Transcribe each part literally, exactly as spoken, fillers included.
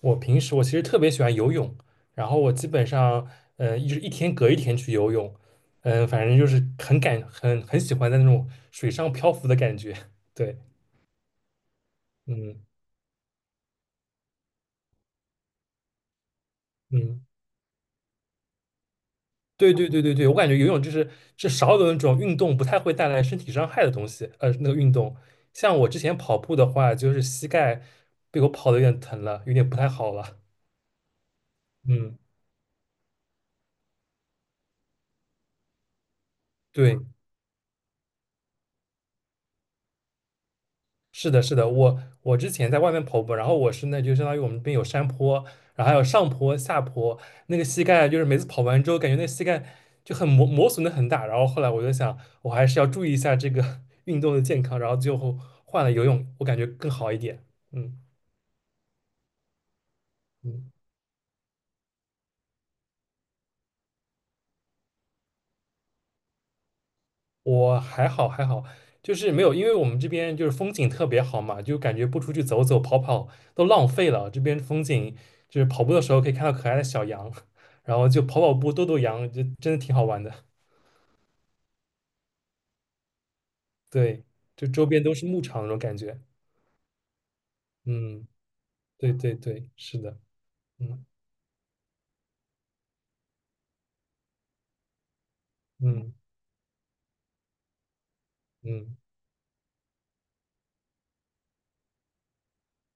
我平时我其实特别喜欢游泳，然后我基本上，呃，一直一天隔一天去游泳，嗯、反正就是很感很很喜欢在那种水上漂浮的感觉。对，嗯嗯，对对对对对，我感觉游泳就是是少有的那种运动不太会带来身体伤害的东西，呃，那个运动，像我之前跑步的话，就是膝盖被我跑的有点疼了，有点不太好了。嗯，对，是的，是的，我我之前在外面跑步，然后我是那就相当于我们这边有山坡，然后还有上坡、下坡，那个膝盖就是每次跑完之后，感觉那膝盖就很磨磨损的很大。然后后来我就想，我还是要注意一下这个 运动的健康，然后最后换了游泳，我感觉更好一点。嗯。嗯我还好还好，就是没有，因为我们这边就是风景特别好嘛，就感觉不出去走走跑跑都浪费了。这边风景就是跑步的时候可以看到可爱的小羊，然后就跑跑步逗逗羊，就真的挺好玩的。对，就周边都是牧场那种感觉。嗯，对对对，是的。嗯嗯嗯。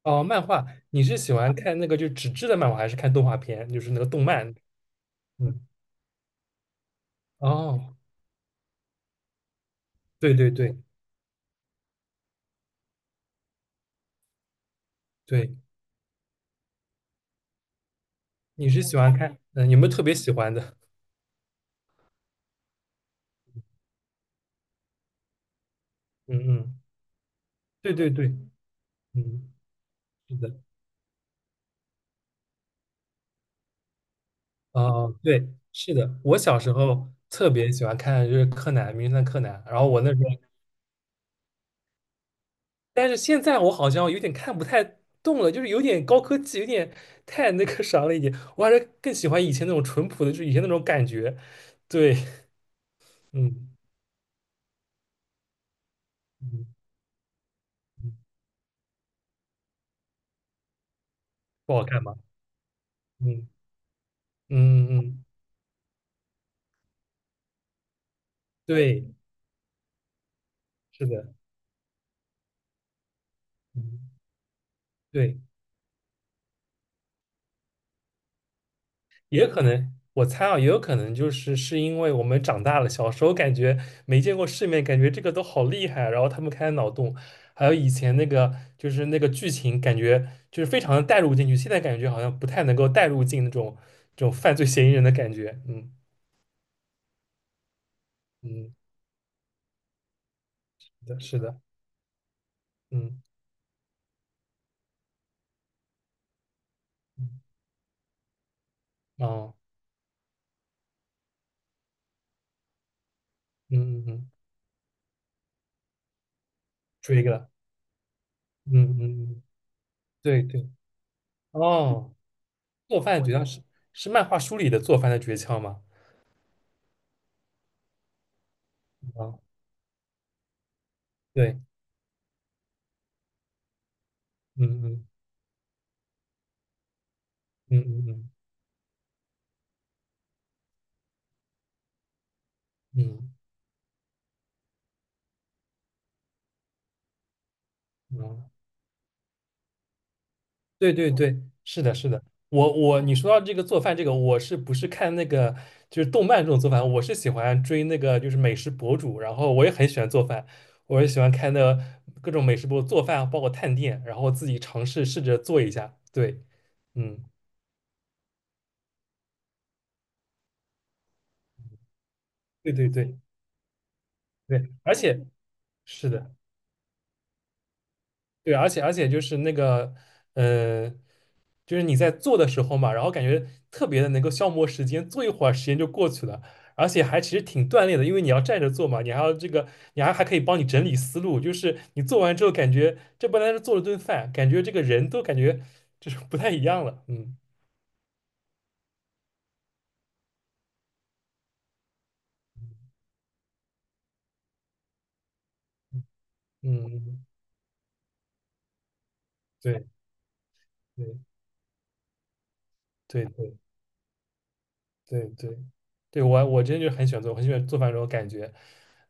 哦，漫画，你是喜欢看那个就纸质的漫画，还是看动画片，就是那个动漫？嗯，哦，对对对对，你是喜欢看，嗯，有没有特别喜欢的？嗯嗯。对对对，嗯，是的，啊、对，是的，我小时候特别喜欢看就是柯南、名侦探柯南，然后我那时候，但是现在我好像有点看不太动了，就是有点高科技，有点太那个啥了一点，我还是更喜欢以前那种淳朴的，就是以前那种感觉，对，嗯嗯嗯，不好看吧？嗯嗯嗯，对，是的，嗯对。也可能，我猜啊，也有可能就是是因为我们长大了，小时候感觉没见过世面，感觉这个都好厉害啊，然后他们开脑洞，还有以前那个就是那个剧情，感觉就是非常的带入进去，现在感觉好像不太能够带入进那种这种犯罪嫌疑人的感觉，嗯嗯，是的，是的，嗯嗯哦，嗯嗯嗯，追了，嗯嗯嗯，对对，哦，做饭诀窍是是漫画书里的做饭的诀窍吗？啊，对，嗯嗯嗯嗯嗯。嗯嗯，对对对，是的，是的。我我你说到这个做饭这个，我是不是看那个就是动漫这种做饭？我是喜欢追那个就是美食博主，然后我也很喜欢做饭，我也喜欢看那各种美食博主做饭，包括探店，然后自己尝试试着做一下。对，嗯，对对对对，而且是的，对，而且而且就是那个，呃，就是你在做的时候嘛，然后感觉特别的能够消磨时间，做一会儿时间就过去了，而且还其实挺锻炼的，因为你要站着做嘛，你还要这个，你还还可以帮你整理思路，就是你做完之后感觉这不单是做了顿饭，感觉这个人都感觉就是不太一样了，嗯嗯嗯，嗯对对对对。对对对，我我真就很喜欢做，我很喜欢做饭这种感觉。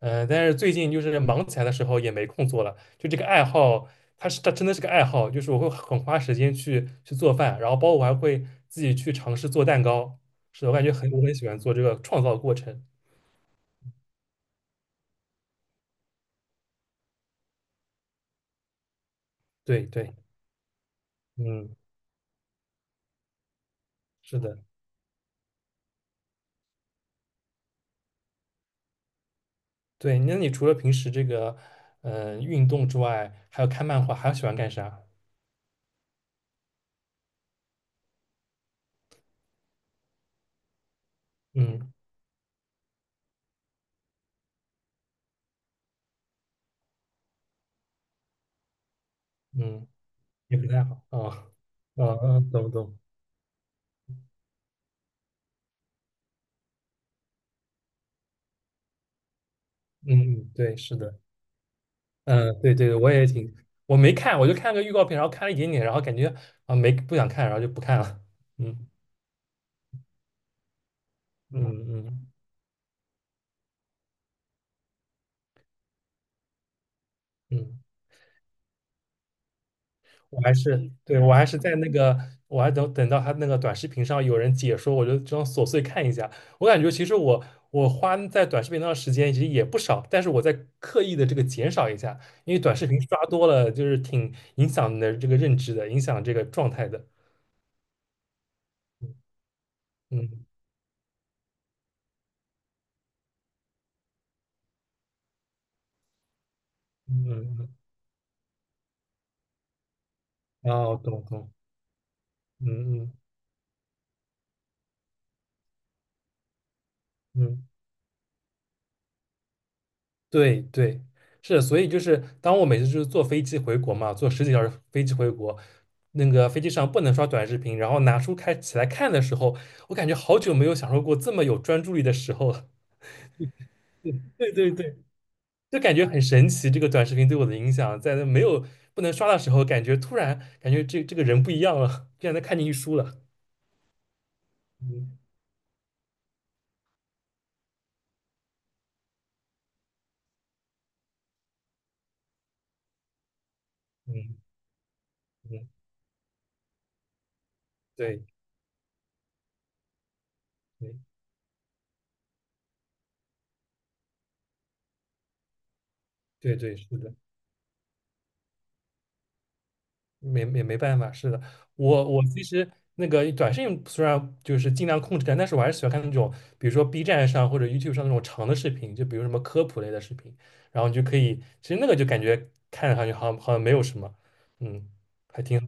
嗯、但是最近就是忙起来的时候也没空做了，就这个爱好，它是它真的是个爱好，就是我会很花时间去去做饭，然后包括我还会自己去尝试做蛋糕。是的，我感觉很我很喜欢做这个创造过程。对对，嗯，是的，对。那你除了平时这个嗯、呃运动之外，还有看漫画，还喜欢干啥？嗯嗯，也不太好啊啊啊，懂懂。嗯，嗯对，是的。嗯，对对，我也挺，我没看，我就看个预告片，然后看了一点点，然后感觉啊没不想看，然后就不看了。嗯嗯嗯嗯，我还是对我还是在那个，我还等等到他那个短视频上有人解说，我就这样琐碎看一下。我感觉其实我我花在短视频上的时间其实也不少，但是我在刻意的这个减少一下，因为短视频刷多了就是挺影响你的这个认知的，影响这个状态的。嗯嗯嗯嗯，嗯嗯哦，懂懂，嗯嗯嗯。对对，是，所以就是当我每次就是坐飞机回国嘛，坐十几个小时飞机回国，那个飞机上不能刷短视频，然后拿书开起来看的时候，我感觉好久没有享受过这么有专注力的时候了。对对对对，就感觉很神奇，这个短视频对我的影响，在那没有不能刷的时候，感觉突然感觉这这个人不一样了，竟然能看进去书了。嗯嗯嗯，对对对对，是的。没没没办法，是的，我我其实那个短视频虽然就是尽量控制但是我还是喜欢看那种，比如说 B 站上或者 YouTube 上那种长的视频，就比如什么科普类的视频，然后你就可以，其实那个就感觉看上去好像好像没有什么，嗯，还挺，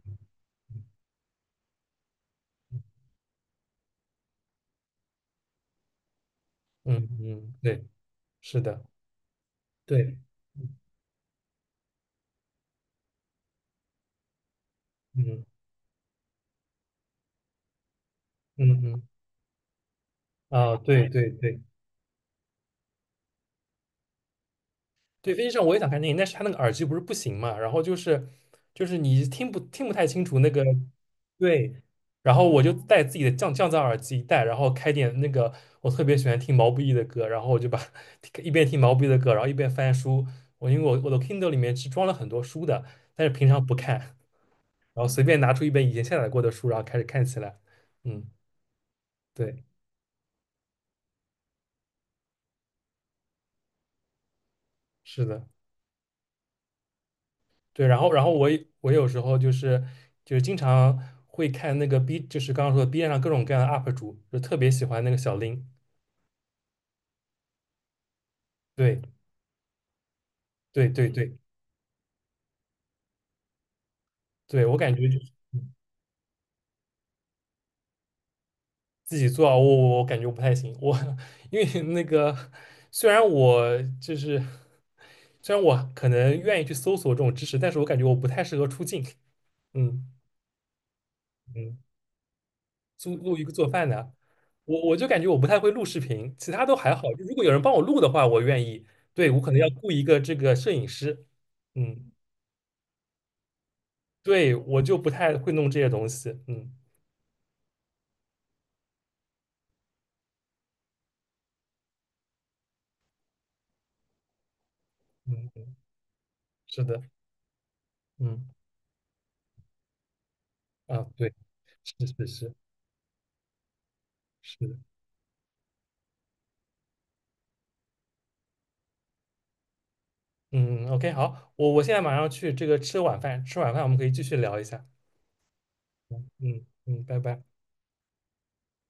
嗯嗯，对，是的，对，嗯嗯嗯嗯，啊，对对对。对，飞机上我也想看电影，但是他那个耳机不是不行嘛，然后就是就是你听不听不太清楚那个对，然后我就带自己的降降噪耳机一戴，然后开点那个我特别喜欢听毛不易的歌，然后我就把 一边听毛不易的歌，然后一边翻书。我因为我我的 Kindle 里面是装了很多书的，但是平常不看，然后随便拿出一本以前下载过的书，然后开始看起来。嗯，对，是的。对，然后然后我也我有时候就是就是经常会看那个 B，就是刚刚说的 B 站上各种各样的 U P 主，就特别喜欢那个小林。对对对对对，我感觉就是自己做啊，我我我感觉我不太行，我 因为那个虽然我就是虽然我可能愿意去搜索这种知识，但是我感觉我不太适合出镜。嗯嗯。租录一个做饭的，我我就感觉我不太会录视频，其他都还好。就如果有人帮我录的话，我愿意。对，我可能要雇一个这个摄影师，嗯，对，我就不太会弄这些东西，嗯嗯，嗯是的，嗯啊，对，是是是是的，嗯嗯，OK，好，我我现在马上去这个吃晚饭，吃晚饭我们可以继续聊一下，嗯嗯嗯，拜拜。